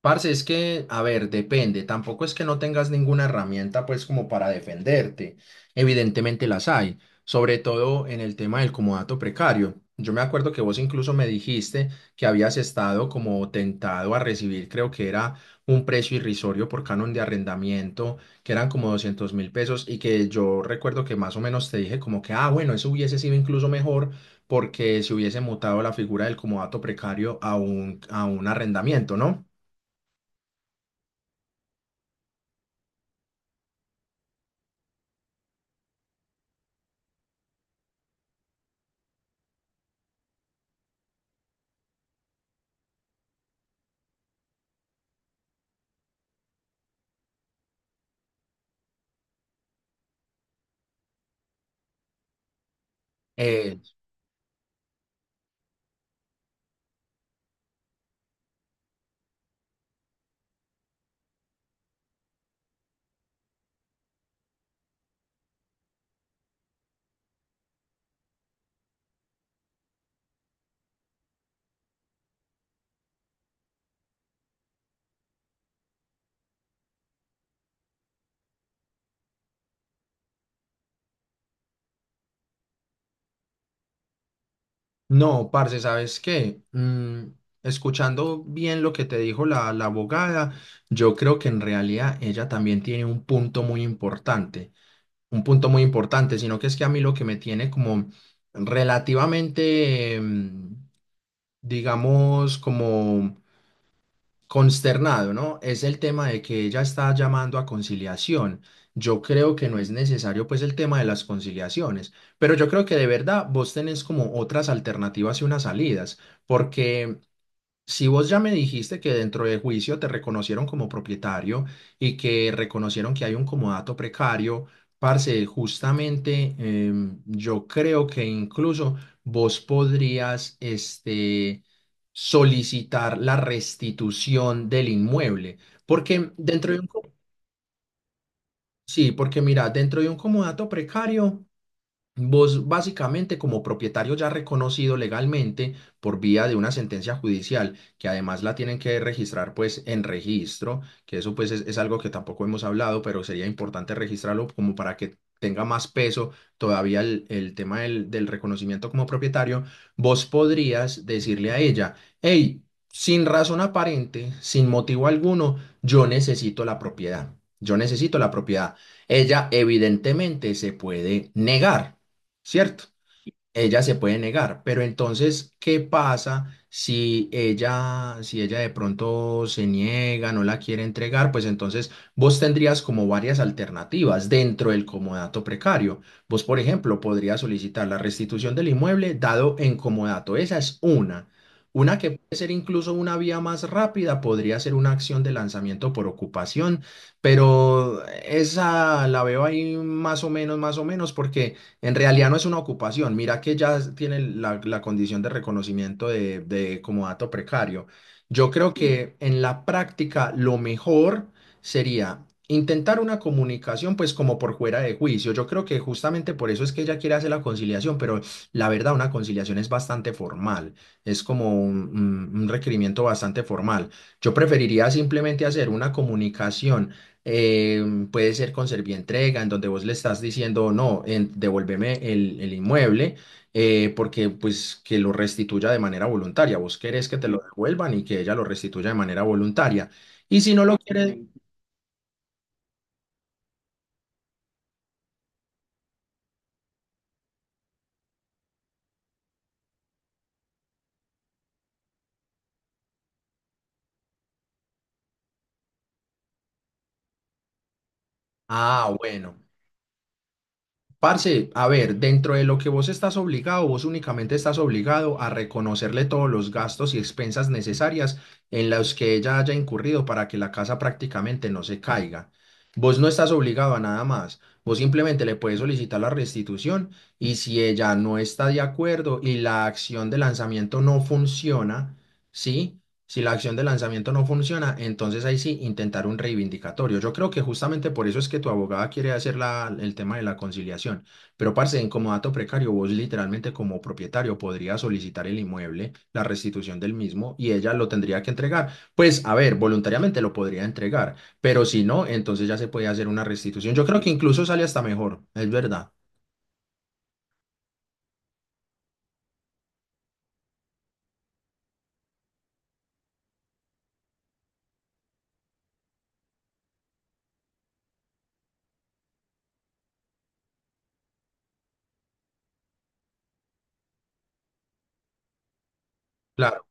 Parce, es que, a ver, depende. Tampoco es que no tengas ninguna herramienta, pues, como para defenderte. Evidentemente las hay, sobre todo en el tema del comodato precario. Yo me acuerdo que vos incluso me dijiste que habías estado como tentado a recibir, creo que era un precio irrisorio por canon de arrendamiento, que eran como $200.000, y que yo recuerdo que más o menos te dije como que, ah, bueno, eso hubiese sido incluso mejor porque se hubiese mutado la figura del comodato precario a a un arrendamiento, ¿no? Eh, no, parce, ¿sabes qué? Escuchando bien lo que te dijo la abogada, yo creo que en realidad ella también tiene un punto muy importante, un punto muy importante, sino que es que a mí lo que me tiene como relativamente, digamos, como consternado, ¿no? Es el tema de que ella está llamando a conciliación. Yo creo que no es necesario pues el tema de las conciliaciones, pero yo creo que de verdad vos tenés como otras alternativas y unas salidas, porque si vos ya me dijiste que dentro de juicio te reconocieron como propietario y que reconocieron que hay un comodato precario, parce, justamente yo creo que incluso vos podrías solicitar la restitución del inmueble, porque dentro de sí, porque mira, dentro de un comodato precario. Vos básicamente como propietario ya reconocido legalmente por vía de una sentencia judicial, que además la tienen que registrar pues en registro, que eso pues es algo que tampoco hemos hablado, pero sería importante registrarlo como para que tenga más peso todavía el tema del reconocimiento como propietario. Vos podrías decirle a ella, hey, sin razón aparente, sin motivo alguno, yo necesito la propiedad, yo necesito la propiedad. Ella evidentemente se puede negar, ¿cierto? Ella se puede negar, pero entonces, ¿qué pasa si ella de pronto se niega, no la quiere entregar? Pues entonces vos tendrías como varias alternativas dentro del comodato precario. Vos, por ejemplo, podrías solicitar la restitución del inmueble dado en comodato. Esa es una. Una que puede ser incluso una vía más rápida, podría ser una acción de lanzamiento por ocupación, pero esa la veo ahí más o menos, porque en realidad no es una ocupación, mira que ya tiene la condición de reconocimiento de como dato precario. Yo creo que en la práctica lo mejor sería intentar una comunicación pues como por fuera de juicio. Yo creo que justamente por eso es que ella quiere hacer la conciliación, pero la verdad una conciliación es bastante formal, es como un requerimiento bastante formal. Yo preferiría simplemente hacer una comunicación, eh, puede ser con entrega, en donde vos le estás diciendo, no, devuélveme el inmueble, porque pues que lo restituya de manera voluntaria. Vos querés que te lo devuelvan y que ella lo restituya de manera voluntaria. Y si no lo quieres, ah, bueno. Parce, a ver, dentro de lo que vos estás obligado, vos únicamente estás obligado a reconocerle todos los gastos y expensas necesarias en los que ella haya incurrido para que la casa prácticamente no se caiga. Vos no estás obligado a nada más. Vos simplemente le puedes solicitar la restitución, y si ella no está de acuerdo y la acción de lanzamiento no funciona, ¿sí? Si la acción de lanzamiento no funciona, entonces ahí sí intentar un reivindicatorio. Yo creo que justamente por eso es que tu abogada quiere hacer el tema de la conciliación. Pero, parce, en como dato precario, vos literalmente como propietario podrías solicitar el inmueble, la restitución del mismo, y ella lo tendría que entregar. Pues, a ver, voluntariamente lo podría entregar, pero si no, entonces ya se puede hacer una restitución. Yo creo que incluso sale hasta mejor, es verdad. Claro.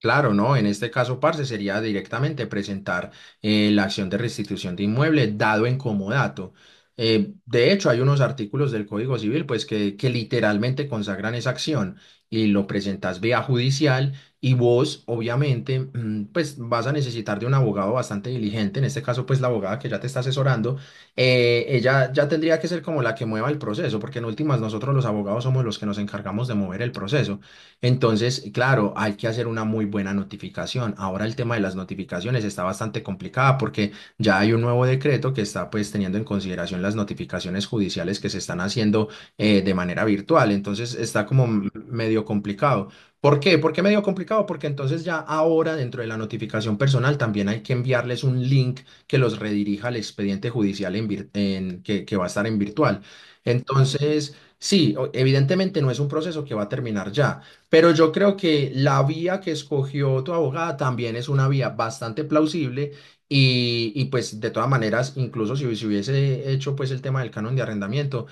Claro, ¿no? En este caso, parce, sería directamente presentar, la acción de restitución de inmueble dado en comodato. De hecho, hay unos artículos del Código Civil, pues, que literalmente consagran esa acción, y lo presentas vía judicial, y vos, obviamente, pues, vas a necesitar de un abogado bastante diligente. En este caso, pues, la abogada que ya te está asesorando, ella ya tendría que ser como la que mueva el proceso, porque en últimas nosotros los abogados somos los que nos encargamos de mover el proceso. Entonces, claro, hay que hacer una muy buena notificación. Ahora el tema de las notificaciones está bastante complicada porque ya hay un nuevo decreto que está pues teniendo en consideración las notificaciones judiciales que se están haciendo, de manera virtual. Entonces está como medio complicado. ¿Por qué? ¿Por qué medio complicado? Porque entonces ya ahora dentro de la notificación personal también hay que enviarles un link que los redirija al expediente judicial, en vir- en- que va a estar en virtual. Entonces, sí, evidentemente no es un proceso que va a terminar ya, pero yo creo que la vía que escogió tu abogada también es una vía bastante plausible, y pues de todas maneras, incluso si hubiese hecho pues el tema del canon de arrendamiento,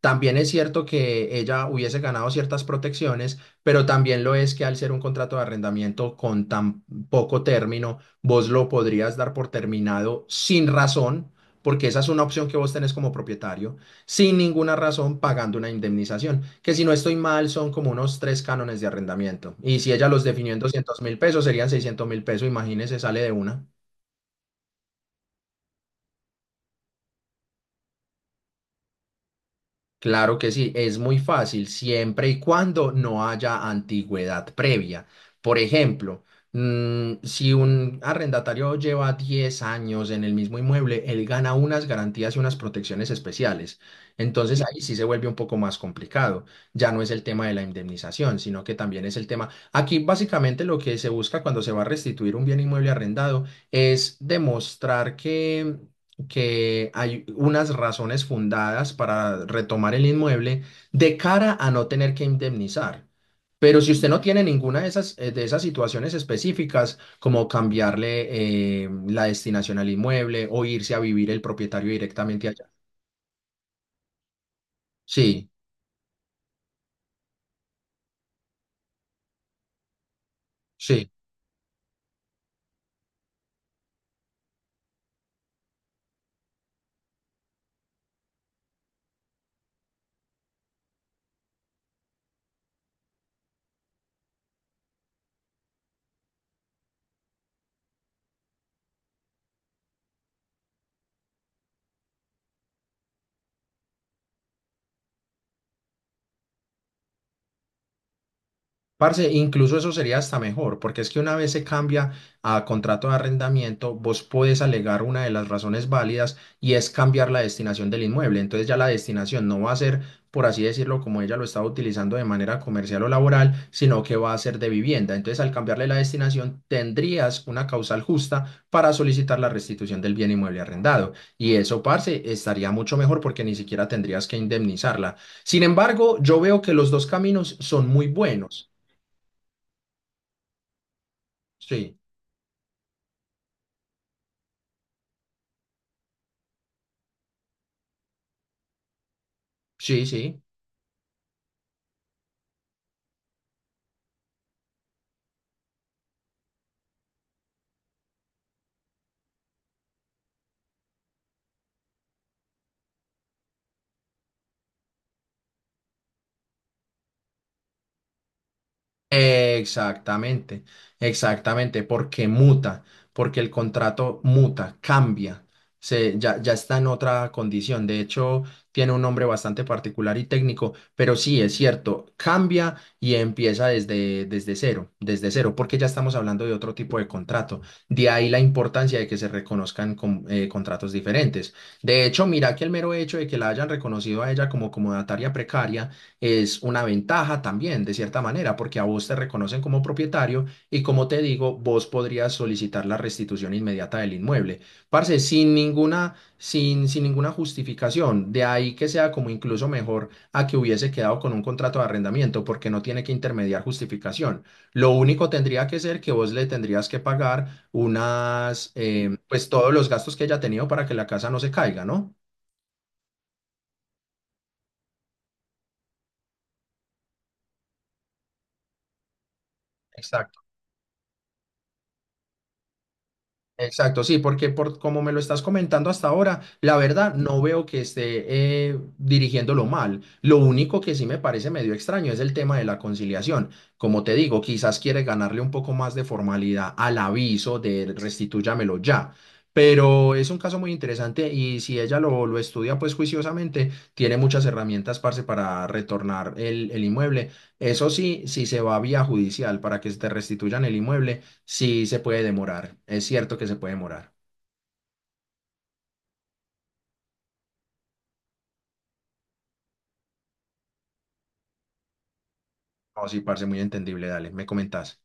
también es cierto que ella hubiese ganado ciertas protecciones, pero también lo es que al ser un contrato de arrendamiento con tan poco término, vos lo podrías dar por terminado sin razón, porque esa es una opción que vos tenés como propietario, sin ninguna razón, pagando una indemnización, que si no estoy mal son como unos tres cánones de arrendamiento. Y si ella los definió en $200.000, serían $600.000, imagínese, sale de una. Claro que sí, es muy fácil siempre y cuando no haya antigüedad previa. Por ejemplo, si un arrendatario lleva 10 años en el mismo inmueble, él gana unas garantías y unas protecciones especiales. Entonces ahí sí se vuelve un poco más complicado. Ya no es el tema de la indemnización, sino que también es el tema. Aquí básicamente lo que se busca cuando se va a restituir un bien inmueble arrendado es demostrar que hay unas razones fundadas para retomar el inmueble, de cara a no tener que indemnizar. Pero si usted no tiene ninguna de esas situaciones específicas, como cambiarle, la destinación al inmueble, o irse a vivir el propietario directamente allá. Sí, sí. Parce, incluso eso sería hasta mejor, porque es que una vez se cambia a contrato de arrendamiento, vos podés alegar una de las razones válidas y es cambiar la destinación del inmueble. Entonces ya la destinación no va a ser, por así decirlo, como ella lo estaba utilizando de manera comercial o laboral, sino que va a ser de vivienda. Entonces al cambiarle la destinación, tendrías una causal justa para solicitar la restitución del bien inmueble arrendado. Y eso, parce, estaría mucho mejor porque ni siquiera tendrías que indemnizarla. Sin embargo, yo veo que los dos caminos son muy buenos. Sí, sí, sí. Exactamente, exactamente, porque muta, porque el contrato muta, cambia, ya está en otra condición. De hecho, tiene un nombre bastante particular y técnico, pero sí, es cierto, cambia y empieza desde cero, desde cero, porque ya estamos hablando de otro tipo de contrato. De ahí la importancia de que se reconozcan contratos diferentes. De hecho, mira que el mero hecho de que la hayan reconocido a ella como comodataria precaria es una ventaja también, de cierta manera, porque a vos te reconocen como propietario, y como te digo, vos podrías solicitar la restitución inmediata del inmueble. Parce, sin ninguna justificación, de ahí que sea como incluso mejor a que hubiese quedado con un contrato de arrendamiento, porque no tiene que intermediar justificación. Lo único tendría que ser que vos le tendrías que pagar pues todos los gastos que haya tenido para que la casa no se caiga, ¿no? Exacto. Exacto, sí, porque por como me lo estás comentando hasta ahora, la verdad no veo que esté, dirigiéndolo mal. Lo único que sí me parece medio extraño es el tema de la conciliación. Como te digo, quizás quiere ganarle un poco más de formalidad al aviso de restitúyamelo ya. Pero es un caso muy interesante, y si ella lo estudia pues juiciosamente, tiene muchas herramientas, parce, para retornar el inmueble. Eso sí, si se va a vía judicial para que se te restituyan el inmueble. Sí, se puede demorar. Es cierto que se puede demorar. No, sí, parce, muy entendible. Dale, me comentás.